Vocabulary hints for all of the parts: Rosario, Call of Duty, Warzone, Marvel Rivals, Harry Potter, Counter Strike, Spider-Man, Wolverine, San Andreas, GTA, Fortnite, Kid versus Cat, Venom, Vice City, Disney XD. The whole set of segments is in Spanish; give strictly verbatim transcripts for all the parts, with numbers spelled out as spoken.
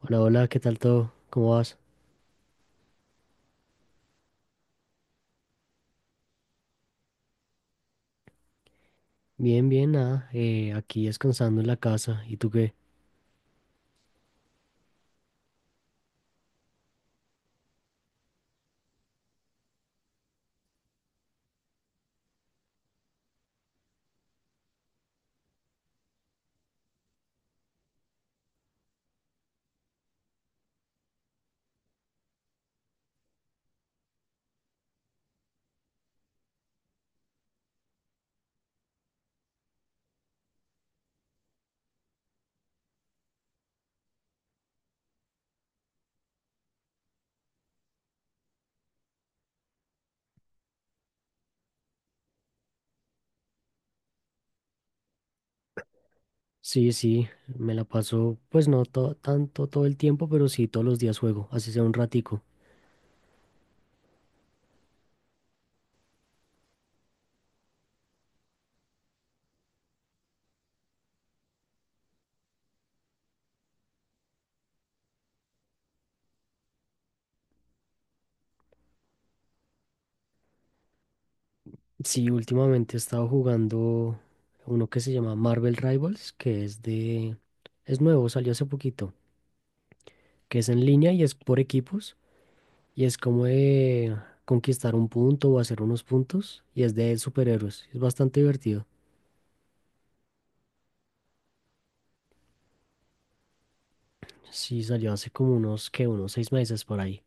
Hola, hola, ¿qué tal todo? ¿Cómo vas? Bien, bien, nada, eh, aquí descansando en la casa. ¿Y tú qué? Sí, sí, me la paso, pues no to- tanto todo el tiempo, pero sí todos los días juego, así sea un ratico. Sí, últimamente he estado jugando uno que se llama Marvel Rivals, que es de… es nuevo, salió hace poquito, que es en línea y es por equipos, y es como de conquistar un punto o hacer unos puntos, y es de superhéroes, es bastante divertido. Sí, salió hace como unos, ¿qué? Unos seis meses por ahí.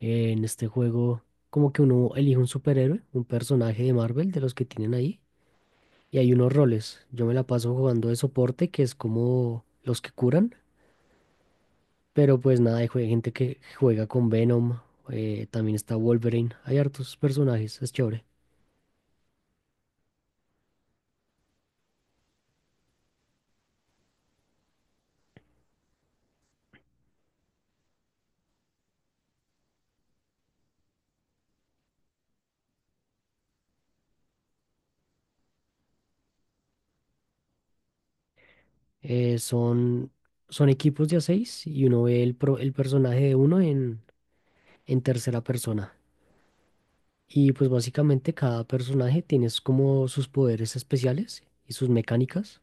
Eh, en este juego, como que uno elige un superhéroe, un personaje de Marvel, de los que tienen ahí, y hay unos roles. Yo me la paso jugando de soporte, que es como los que curan, pero pues nada, hay jue- gente que juega con Venom, eh, también está Wolverine, hay hartos personajes, es chévere. Eh, son, Son equipos de a seis y uno ve el, pro- el personaje de uno en, en tercera persona. Y pues básicamente cada personaje tiene es como sus poderes especiales y sus mecánicas.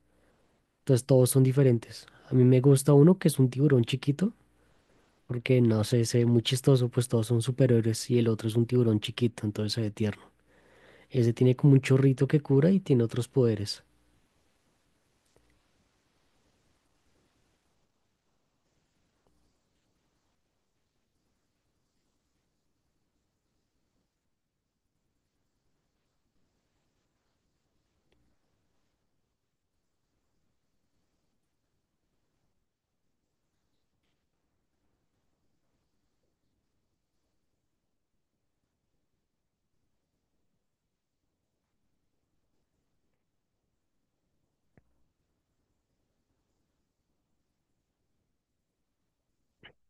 Entonces todos son diferentes. A mí me gusta uno que es un tiburón chiquito, porque no sé, se ve muy chistoso, pues todos son superhéroes y el otro es un tiburón chiquito, entonces se ve tierno. Ese tiene como un chorrito que cura y tiene otros poderes.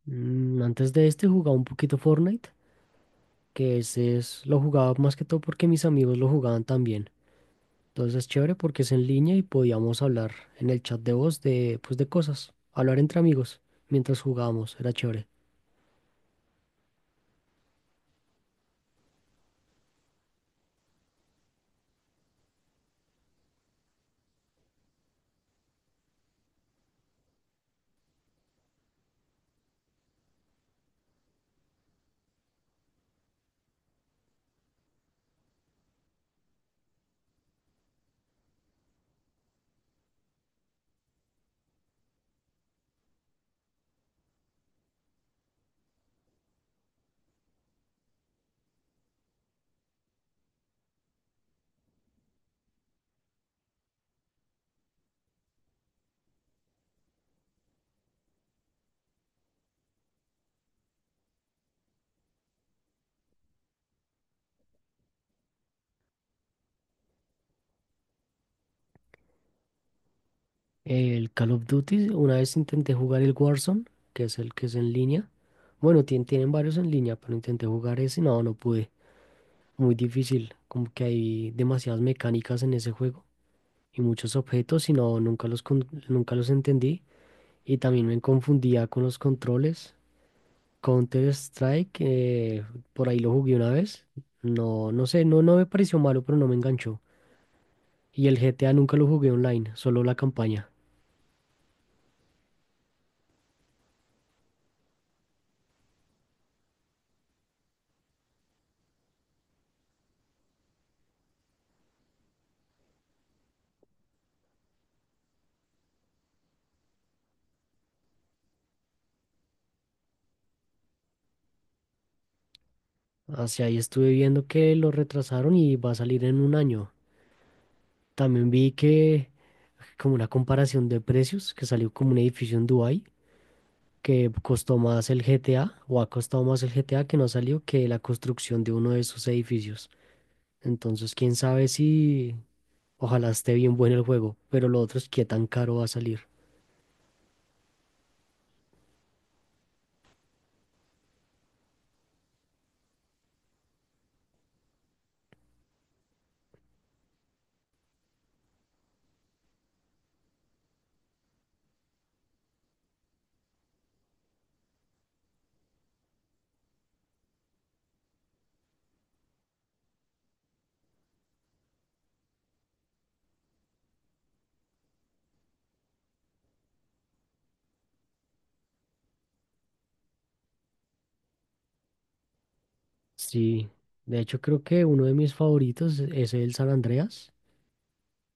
Mm, antes de este jugaba un poquito Fortnite, que ese es, lo jugaba más que todo porque mis amigos lo jugaban también. Entonces, chévere porque es en línea y podíamos hablar en el chat de voz de, pues, de cosas, hablar entre amigos mientras jugábamos, era chévere. El Call of Duty, una vez intenté jugar el Warzone, que es el que es en línea. Bueno, tien- tienen varios en línea, pero intenté jugar ese y no, no pude. Muy difícil, como que hay demasiadas mecánicas en ese juego y muchos objetos y no, nunca los, con- nunca los entendí. Y también me confundía con los controles. Counter Strike, eh, por ahí lo jugué una vez. No, no sé, no, no me pareció malo, pero no me enganchó. Y el G T A nunca lo jugué online, solo la campaña. Hacia ahí estuve viendo que lo retrasaron y va a salir en un año. También vi que como una comparación de precios, que salió como un edificio en Dubái, que costó más el G T A, o ha costado más el G T A que no salió que la construcción de uno de esos edificios. Entonces, quién sabe si ojalá esté bien bueno el juego, pero lo otro es qué tan caro va a salir. Sí, de hecho creo que uno de mis favoritos es el San Andreas.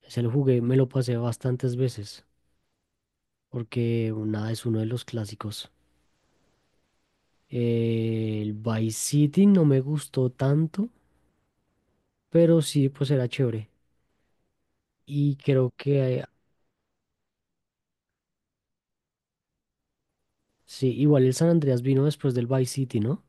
Ese lo jugué, me lo pasé bastantes veces, porque nada, es uno de los clásicos. Eh, el Vice City no me gustó tanto, pero sí, pues era chévere. Y creo que, eh, sí, igual el San Andreas vino después del Vice City, ¿no?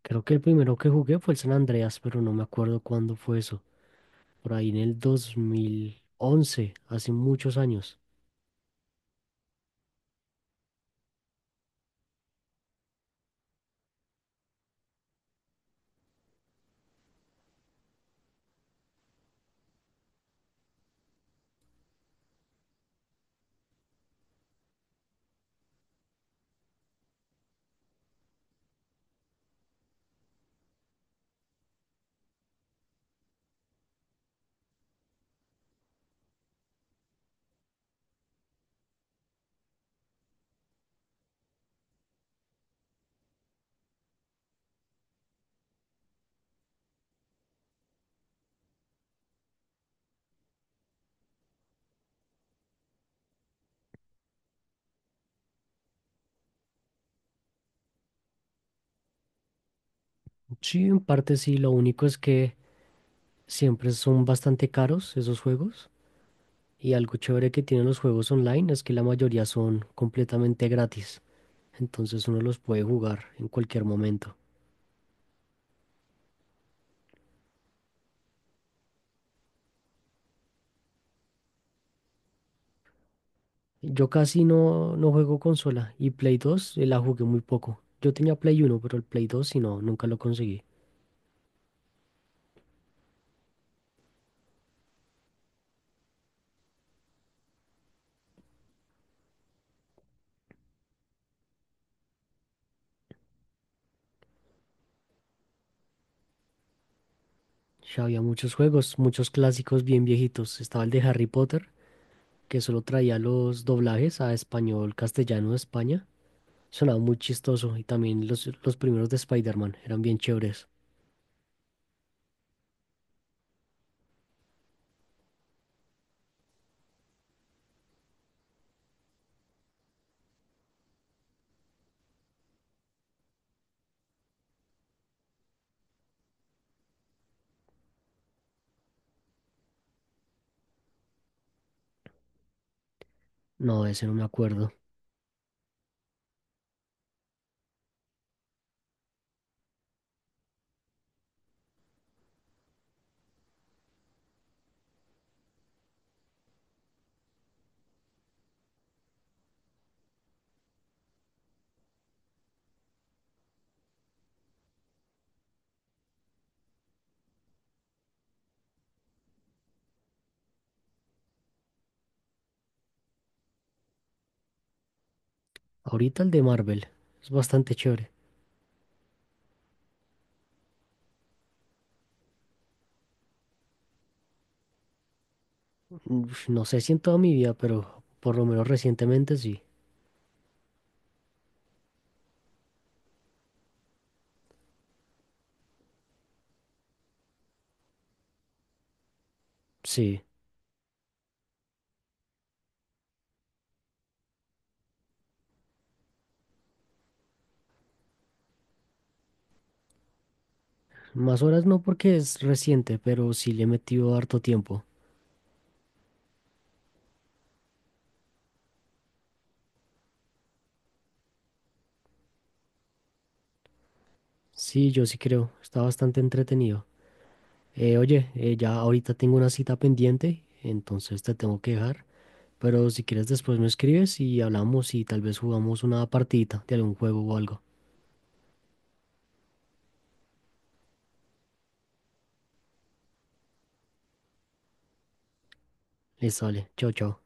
Creo que el primero que jugué fue el San Andreas, pero no me acuerdo cuándo fue eso. Por ahí en el dos mil once, hace muchos años. Sí, en parte sí, lo único es que… siempre son bastante caros esos juegos y algo chévere que tienen los juegos online es que la mayoría son completamente gratis, entonces uno los puede jugar en cualquier momento. Yo casi no, no juego consola y Play dos eh, la jugué muy poco. Yo tenía Play uno pero el Play dos si no, nunca lo conseguí. Ya había muchos juegos, muchos clásicos bien viejitos. Estaba el de Harry Potter, que solo traía los doblajes a español, castellano de España. Sonaba muy chistoso y también los, los primeros de Spider-Man eran bien chéveres. No, ese no me acuerdo. Ahorita el de Marvel. Es bastante chévere. Uf, no sé si en toda mi vida, pero por lo menos recientemente sí. Sí. Más horas no porque es reciente, pero sí le he metido harto tiempo. Sí, yo sí creo. Está bastante entretenido. Eh, oye, eh, ya ahorita tengo una cita pendiente, entonces te tengo que dejar. Pero si quieres después me escribes y hablamos y tal vez jugamos una partidita de algún juego o algo. Listo, vale. Chao, chao.